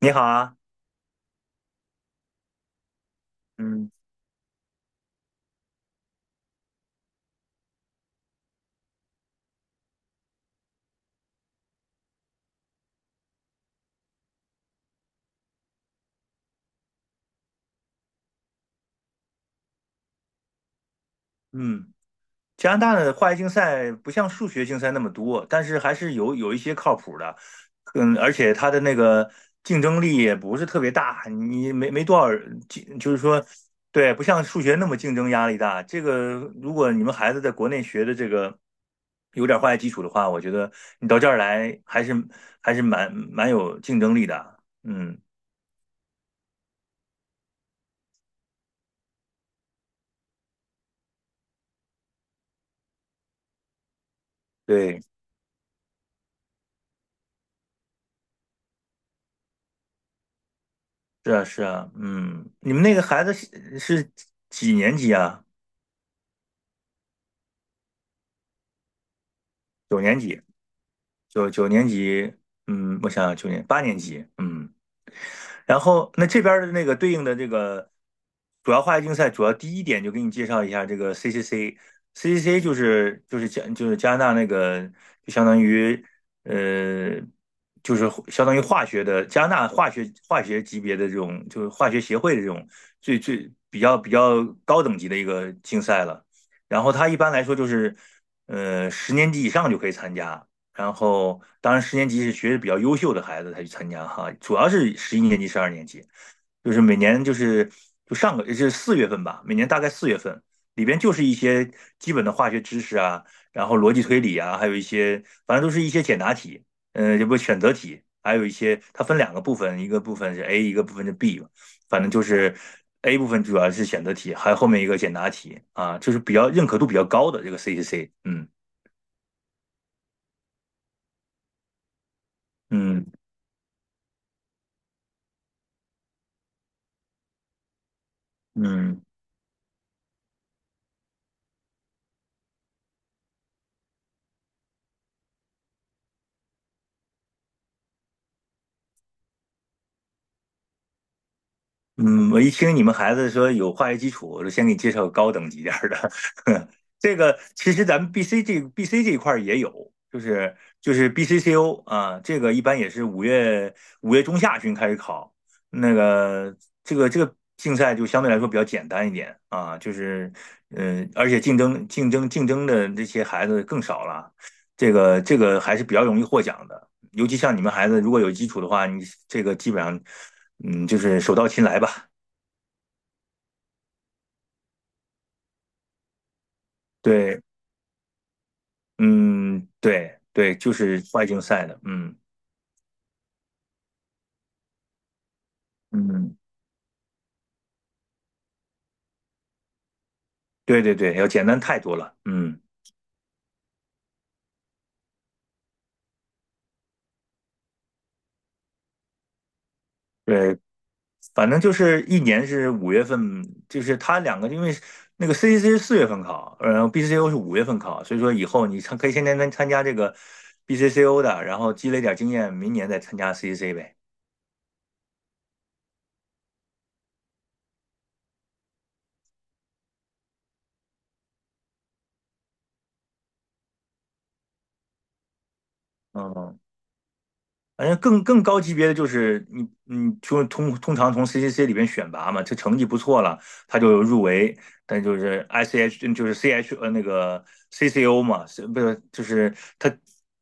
你好啊，嗯嗯，加拿大的化学竞赛不像数学竞赛那么多，但是还是有一些靠谱的，嗯，而且它的那个竞争力也不是特别大，你没多少人就是说，对，不像数学那么竞争压力大。这个如果你们孩子在国内学的这个有点化学基础的话，我觉得你到这儿来还是蛮有竞争力的，嗯，对，是啊是啊，嗯，你们那个孩子是几年级啊？九年级，九年级，嗯，我想想，九年八年级，嗯，然后那这边的那个对应的这个主要化学竞赛，主要第一点就给你介绍一下这个 CCC，CCC 就是就是加就是加拿大那个就相当于呃就相当于化学的加拿大化学级别的这种就是化学协会的这种最比较高等级的一个竞赛了，然后它一般来说就是十年级以上就可以参加。然后当然十年级是学的比较优秀的孩子才去参加哈，主要是十一年级、十二年级，就是每年就上个是四月份吧，每年大概四月份里边就是一些基本的化学知识啊，然后逻辑推理啊，还有一些反正都是一些简答题，也不选择题，还有一些它分两个部分，一个部分是 A，一个部分是 B，反正就是 A 部分主要是选择题，还有后面一个简答题啊，就是比较认可度比较高的这个 CCC，嗯嗯嗯。嗯，我一听你们孩子说有化学基础，我就先给你介绍个高等级点儿的。这个其实咱们 BC 这一块儿也有，就是 BCCO 啊，这个一般也是五月中下旬开始考。那个这个竞赛就相对来说比较简单一点啊，就是嗯，而且竞争的这些孩子更少了，这个还是比较容易获奖的。尤其像你们孩子，如果有基础的话，你这个基本上，嗯，就是手到擒来吧。对，嗯，对对，就是外竞赛的，嗯嗯，对对对，要简单太多了，嗯，对，反正就是一年是五月份，就是他两个，因为那个 CCC 是四月份考，然后 BCCO 是五月份考，所以说以后你可以先参加这个 BCCO 的，然后积累点经验，明年再参加 CCC 呗。嗯。反正更高级别的就是你就通常从 CCC 里边选拔嘛，这成绩不错了，他就入围。但就是 CH 那个 CCO 嘛，是不是就是他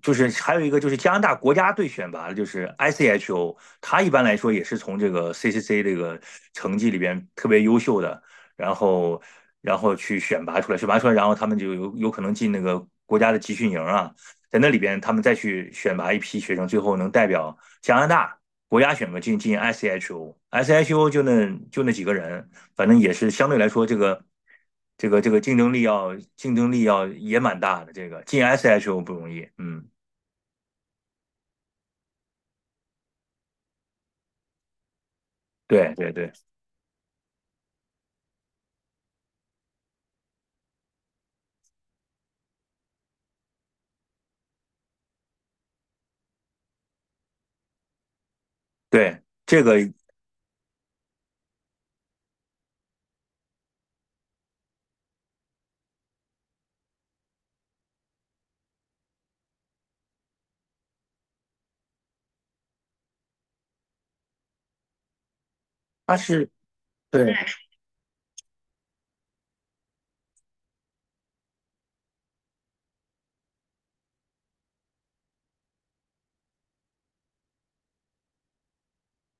就是还有一个就是加拿大国家队选拔的，就是 ICHO，他一般来说也是从这个 CCC 这个成绩里边特别优秀的，然后然后去选拔出来，然后他们就有可能进那个国家的集训营啊。在那里边他们再去选拔一批学生，最后能代表加拿大国家选拔进 SHO，SHO 就那几个人，反正也是相对来说这个竞争力要也蛮大的，这个进 SHO 不容易，嗯，对对对对，这个它是对，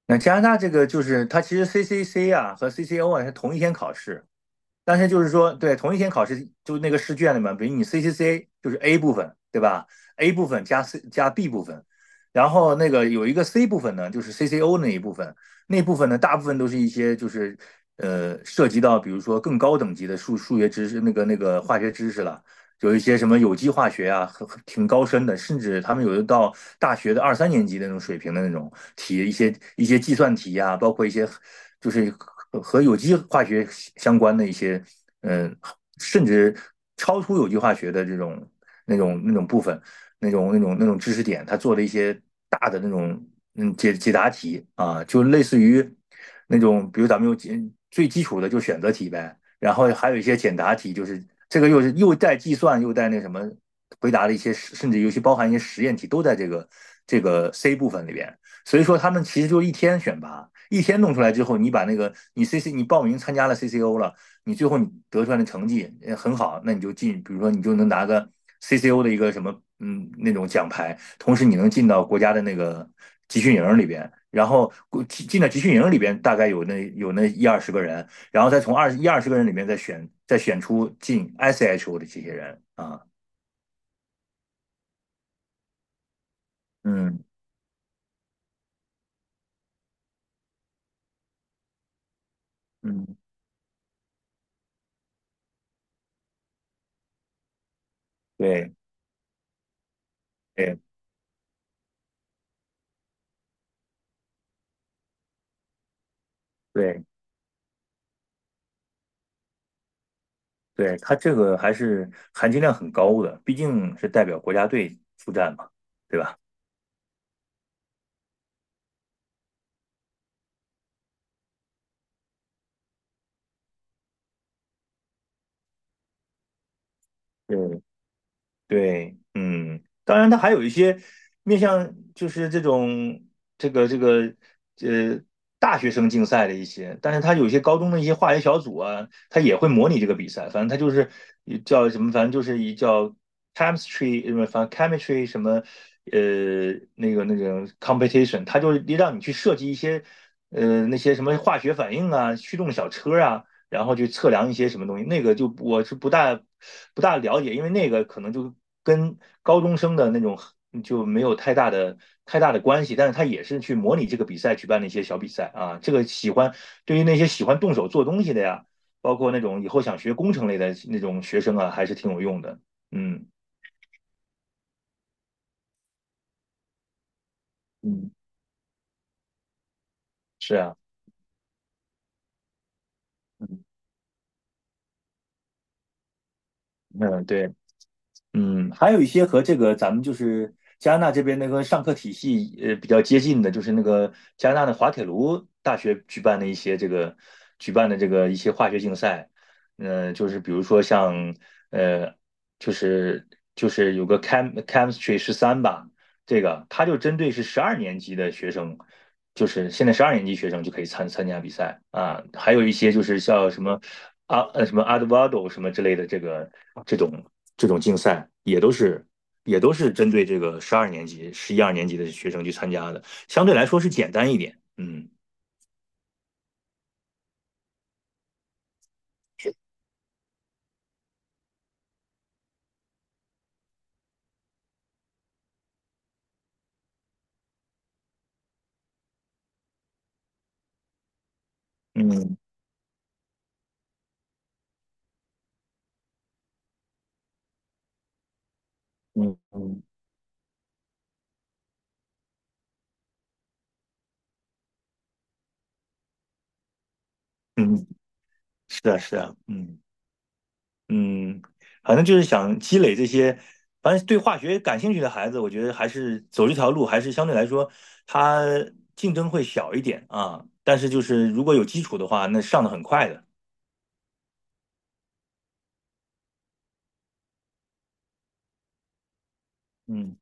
那加拿大这个就是它其实 CCC 啊和 CCO 啊是同一天考试。但是就是说，对，同一天考试，就那个试卷里面，比如你 CCC 就是 A 部分，对吧？A 部分加 C 加 B 部分，然后那个有一个 C 部分呢，就是 CCO 那一部分，那部分呢，大部分都是一些就是涉及到比如说更高等级的数学知识，那个化学知识了，有一些什么有机化学啊，很挺高深的，甚至他们有的到大学的二三年级的那种水平的那种题，一些计算题啊，包括一些就是和有机化学相关的一些，嗯，甚至超出有机化学的这种那种部分，那种知识点，他做了一些大的那种解答题啊，就类似于那种，比如咱们有几最基础的就选择题呗。然后还有一些简答题，就是这个又是又带计算又带那什么回答的一些，甚至尤其包含一些实验题，都在这个这个 C 部分里边。所以说他们其实就一天选拔，一天弄出来之后，你把那个你 你报名参加了 C C O 了，你最后你得出来的成绩很好，那你就进，比如说你就能拿个 C C O 的一个什么那种奖牌，同时你能进到国家的那个集训营里边。然后进到集训营里边，大概有那一二十个人，然后再从二十个人里面再选出进 ICHO 的这些人啊，嗯嗯，对对对对，他这个还是含金量很高的，毕竟是代表国家队出战嘛，对吧？对对，嗯，当然，它还有一些面向，就是这个呃大学生竞赛的一些，但是它有一些高中的一些化学小组啊，它也会模拟这个比赛。反正它就是一叫什么，反正就是一叫 chemistry 什么，反正 chemistry 什么那个 competition，它就是让你去设计一些那些什么化学反应啊、驱动小车啊。然后去测量一些什么东西，那个就我是不大了解，因为那个可能就跟高中生的那种就没有太大的关系，但是他也是去模拟这个比赛举办的一些小比赛啊。这个喜欢对于那些喜欢动手做东西的呀，包括那种以后想学工程类的那种学生啊，还是挺有用的。嗯，嗯是啊，嗯，嗯，对。嗯，还有一些和这个咱们就是加拿大这边那个上课体系比较接近的，就是那个加拿大的滑铁卢大学举办的一些这个举办的这个一些化学竞赛，嗯、就是比如说像呃，就是就是有个 chemistry 十三吧，这个它就针对是十二年级的学生，就是现在十二年级学生就可以参加比赛啊，还有一些就是像什么什么 a 德 v a 什么之类的这个这种这种竞赛也都是针对这个十二年级、十一二年级的学生去参加的，相对来说是简单一点。嗯嗯嗯嗯嗯，是啊是啊，嗯嗯，反正就是想积累这些，反正对化学感兴趣的孩子，我觉得还是走这条路，还是相对来说他竞争会小一点啊。但是就是如果有基础的话，那上的很快的。嗯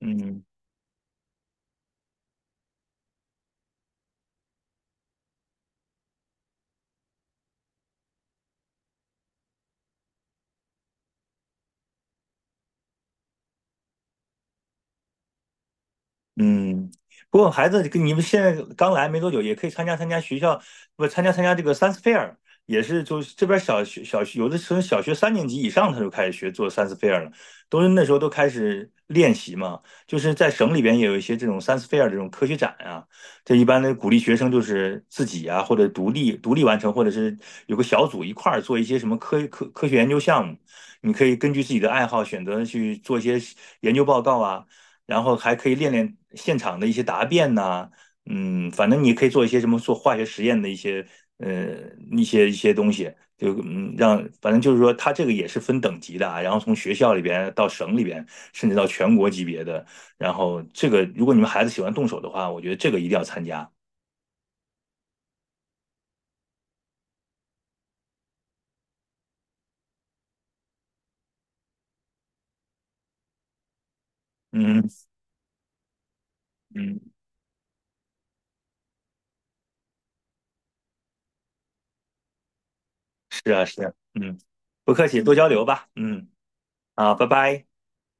嗯。嗯，不过孩子跟你们现在刚来没多久，也可以参加参加学校，不参加参加这个 science fair，也是就是这边小学有的时候小学三年级以上他就开始学做 science fair 了，都是那时候都开始练习嘛。就是在省里边也有一些这种 science fair 这种科学展啊，这一般的鼓励学生就是自己啊或者独立独立完成，或者是有个小组一块儿做一些什么科学研究项目，你可以根据自己的爱好选择去做一些研究报告啊。然后还可以练练现场的一些答辩呐、反正你可以做一些什么做化学实验的一些呃一些东西，就嗯让反正就是说它这个也是分等级的啊，然后从学校里边到省里边，甚至到全国级别的，然后这个如果你们孩子喜欢动手的话，我觉得这个一定要参加。嗯嗯，是啊是啊，嗯，不客气，多交流吧，嗯，好，拜拜。